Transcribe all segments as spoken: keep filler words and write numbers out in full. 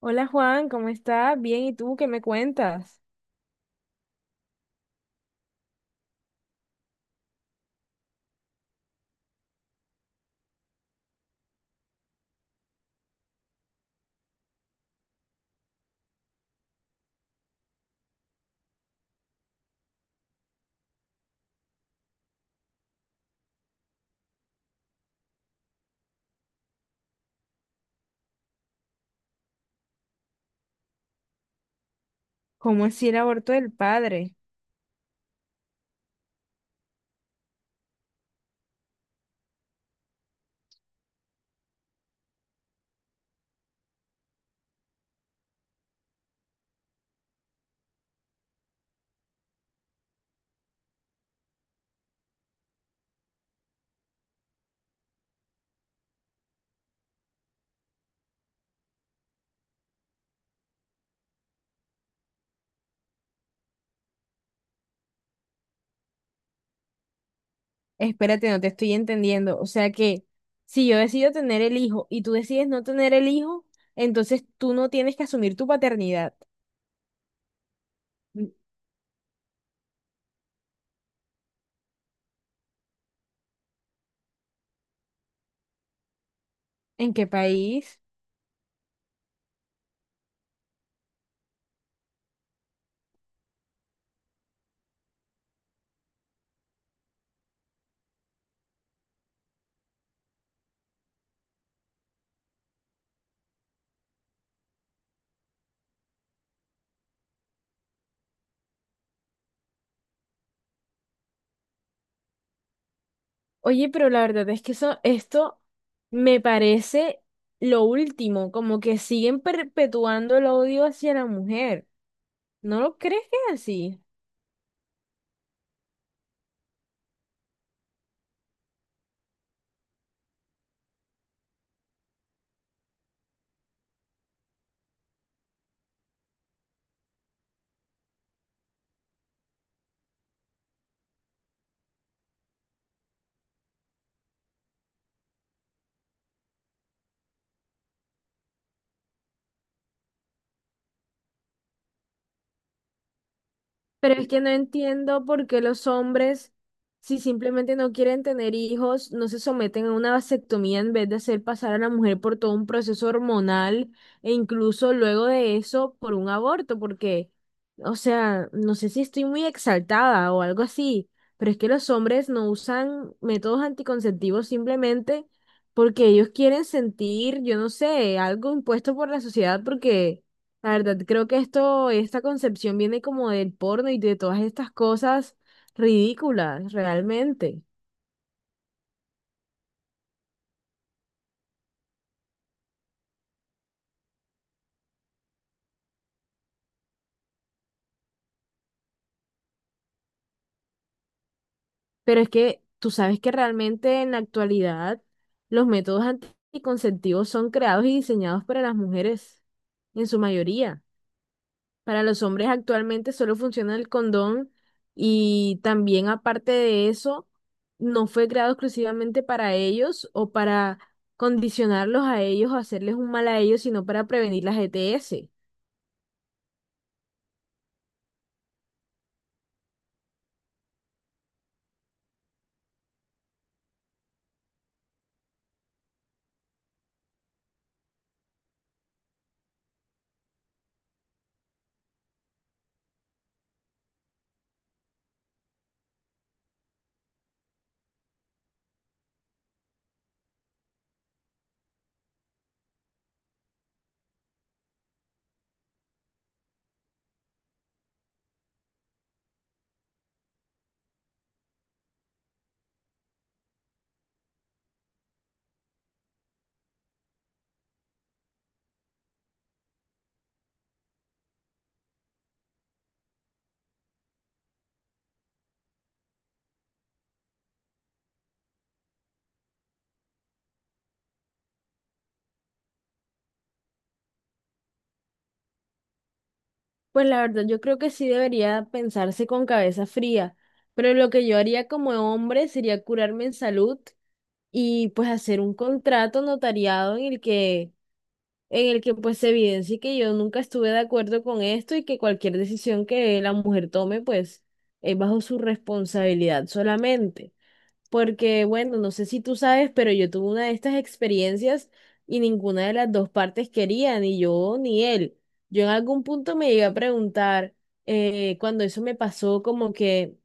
Hola Juan, ¿cómo estás? Bien, ¿y tú qué me cuentas? ¿Cómo así el aborto del padre? Espérate, no te estoy entendiendo. O sea que si yo decido tener el hijo y tú decides no tener el hijo, entonces tú no tienes que asumir tu paternidad. Mm. ¿En qué país? Oye, pero la verdad es que eso, esto me parece lo último, como que siguen perpetuando el odio hacia la mujer. ¿No lo crees que es así? Pero es que no entiendo por qué los hombres, si simplemente no quieren tener hijos, no se someten a una vasectomía en vez de hacer pasar a la mujer por todo un proceso hormonal e incluso luego de eso por un aborto, porque, o sea, no sé si estoy muy exaltada o algo así, pero es que los hombres no usan métodos anticonceptivos simplemente porque ellos quieren sentir, yo no sé, algo impuesto por la sociedad porque... La verdad, creo que esto, esta concepción viene como del porno y de todas estas cosas ridículas, realmente. Pero es que tú sabes que realmente en la actualidad los métodos anticonceptivos son creados y diseñados para las mujeres, en su mayoría. Para los hombres actualmente solo funciona el condón y también aparte de eso, no fue creado exclusivamente para ellos o para condicionarlos a ellos o hacerles un mal a ellos, sino para prevenir las E T S. Pues la verdad, yo creo que sí debería pensarse con cabeza fría, pero lo que yo haría como hombre sería curarme en salud y pues hacer un contrato notariado en el que, en el que pues se evidencie que yo nunca estuve de acuerdo con esto y que cualquier decisión que la mujer tome pues es bajo su responsabilidad solamente. Porque, bueno, no sé si tú sabes, pero yo tuve una de estas experiencias y ninguna de las dos partes quería, ni yo ni él. Yo en algún punto me llegué a preguntar, eh, cuando eso me pasó, como que,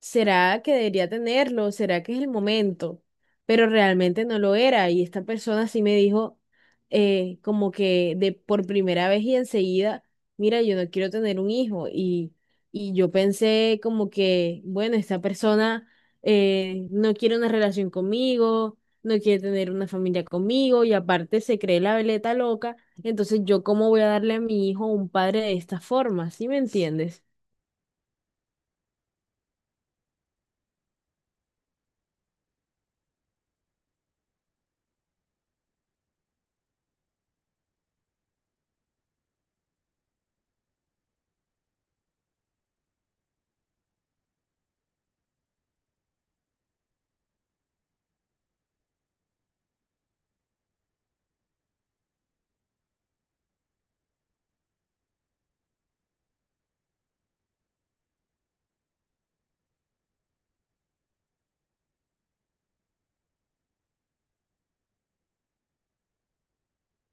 ¿será que debería tenerlo? ¿Será que es el momento? Pero realmente no lo era. Y esta persona sí me dijo, eh, como que de por primera vez y enseguida, mira, yo no quiero tener un hijo. Y, y yo pensé como que, bueno, esta persona eh, no quiere una relación conmigo, no quiere tener una familia conmigo y aparte se cree la veleta loca. Entonces yo cómo voy a darle a mi hijo un padre de esta forma, ¿sí me entiendes?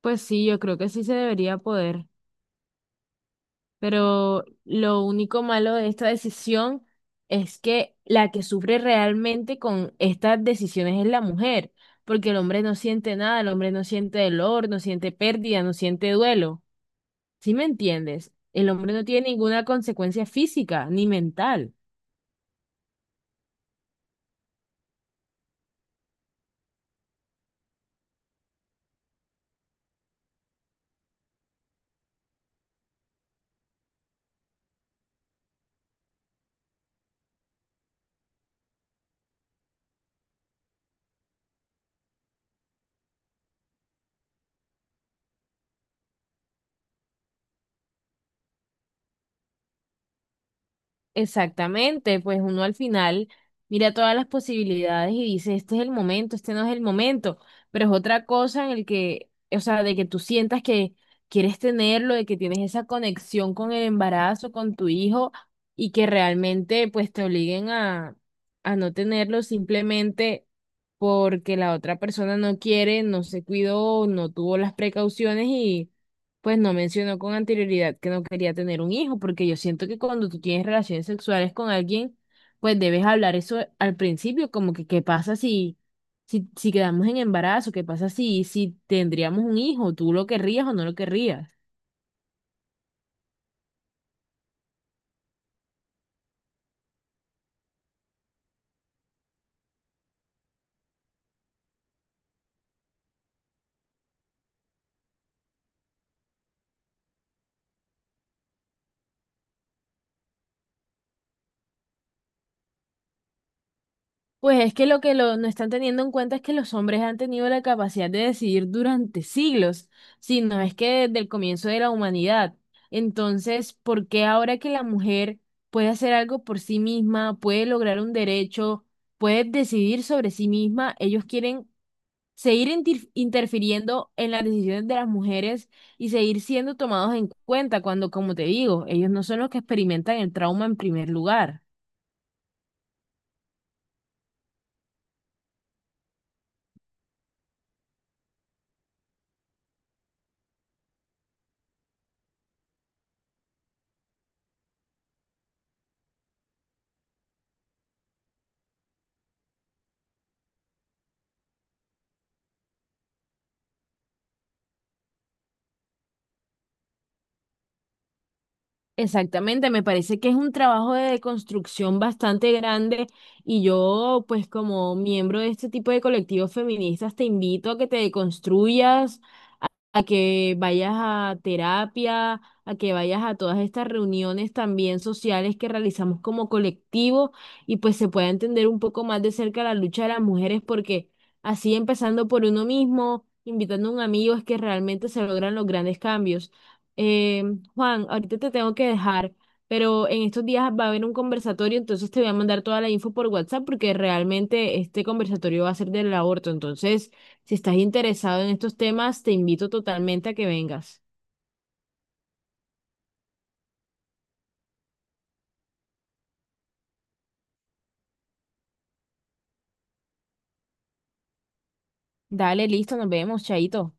Pues sí, yo creo que sí se debería poder. Pero lo único malo de esta decisión es que la que sufre realmente con estas decisiones es la mujer, porque el hombre no siente nada, el hombre no siente dolor, no siente pérdida, no siente duelo. ¿Sí me entiendes? El hombre no tiene ninguna consecuencia física ni mental. Exactamente, pues uno al final mira todas las posibilidades y dice, este es el momento, este no es el momento, pero es otra cosa en el que, o sea, de que tú sientas que quieres tenerlo, de que tienes esa conexión con el embarazo, con tu hijo y que realmente pues te obliguen a, a no tenerlo simplemente porque la otra persona no quiere, no se cuidó, no tuvo las precauciones y pues no mencionó con anterioridad que no quería tener un hijo, porque yo siento que cuando tú tienes relaciones sexuales con alguien, pues debes hablar eso al principio, como que qué pasa si, si, si quedamos en embarazo, qué pasa si, si tendríamos un hijo, tú lo querrías o no lo querrías. Pues es que lo que lo- no están teniendo en cuenta es que los hombres han tenido la capacidad de decidir durante siglos, si no es que desde el comienzo de la humanidad. Entonces, ¿por qué ahora que la mujer puede hacer algo por sí misma, puede lograr un derecho, puede decidir sobre sí misma, ellos quieren seguir intif- interfiriendo en las decisiones de las mujeres y seguir siendo tomados en cuenta cuando, como te digo, ellos no son los que experimentan el trauma en primer lugar? Exactamente, me parece que es un trabajo de construcción bastante grande y yo, pues como miembro de este tipo de colectivos feministas, te invito a que te deconstruyas, a que vayas a terapia, a que vayas a todas estas reuniones también sociales que realizamos como colectivo y pues se pueda entender un poco más de cerca la lucha de las mujeres porque así empezando por uno mismo, invitando a un amigo es que realmente se logran los grandes cambios. Eh, Juan, ahorita te tengo que dejar. Pero en estos días va a haber un conversatorio, entonces te voy a mandar toda la info por WhatsApp porque realmente este conversatorio va a ser del aborto. Entonces, si estás interesado en estos temas, te invito totalmente a que vengas. Dale, listo, nos vemos, chaito.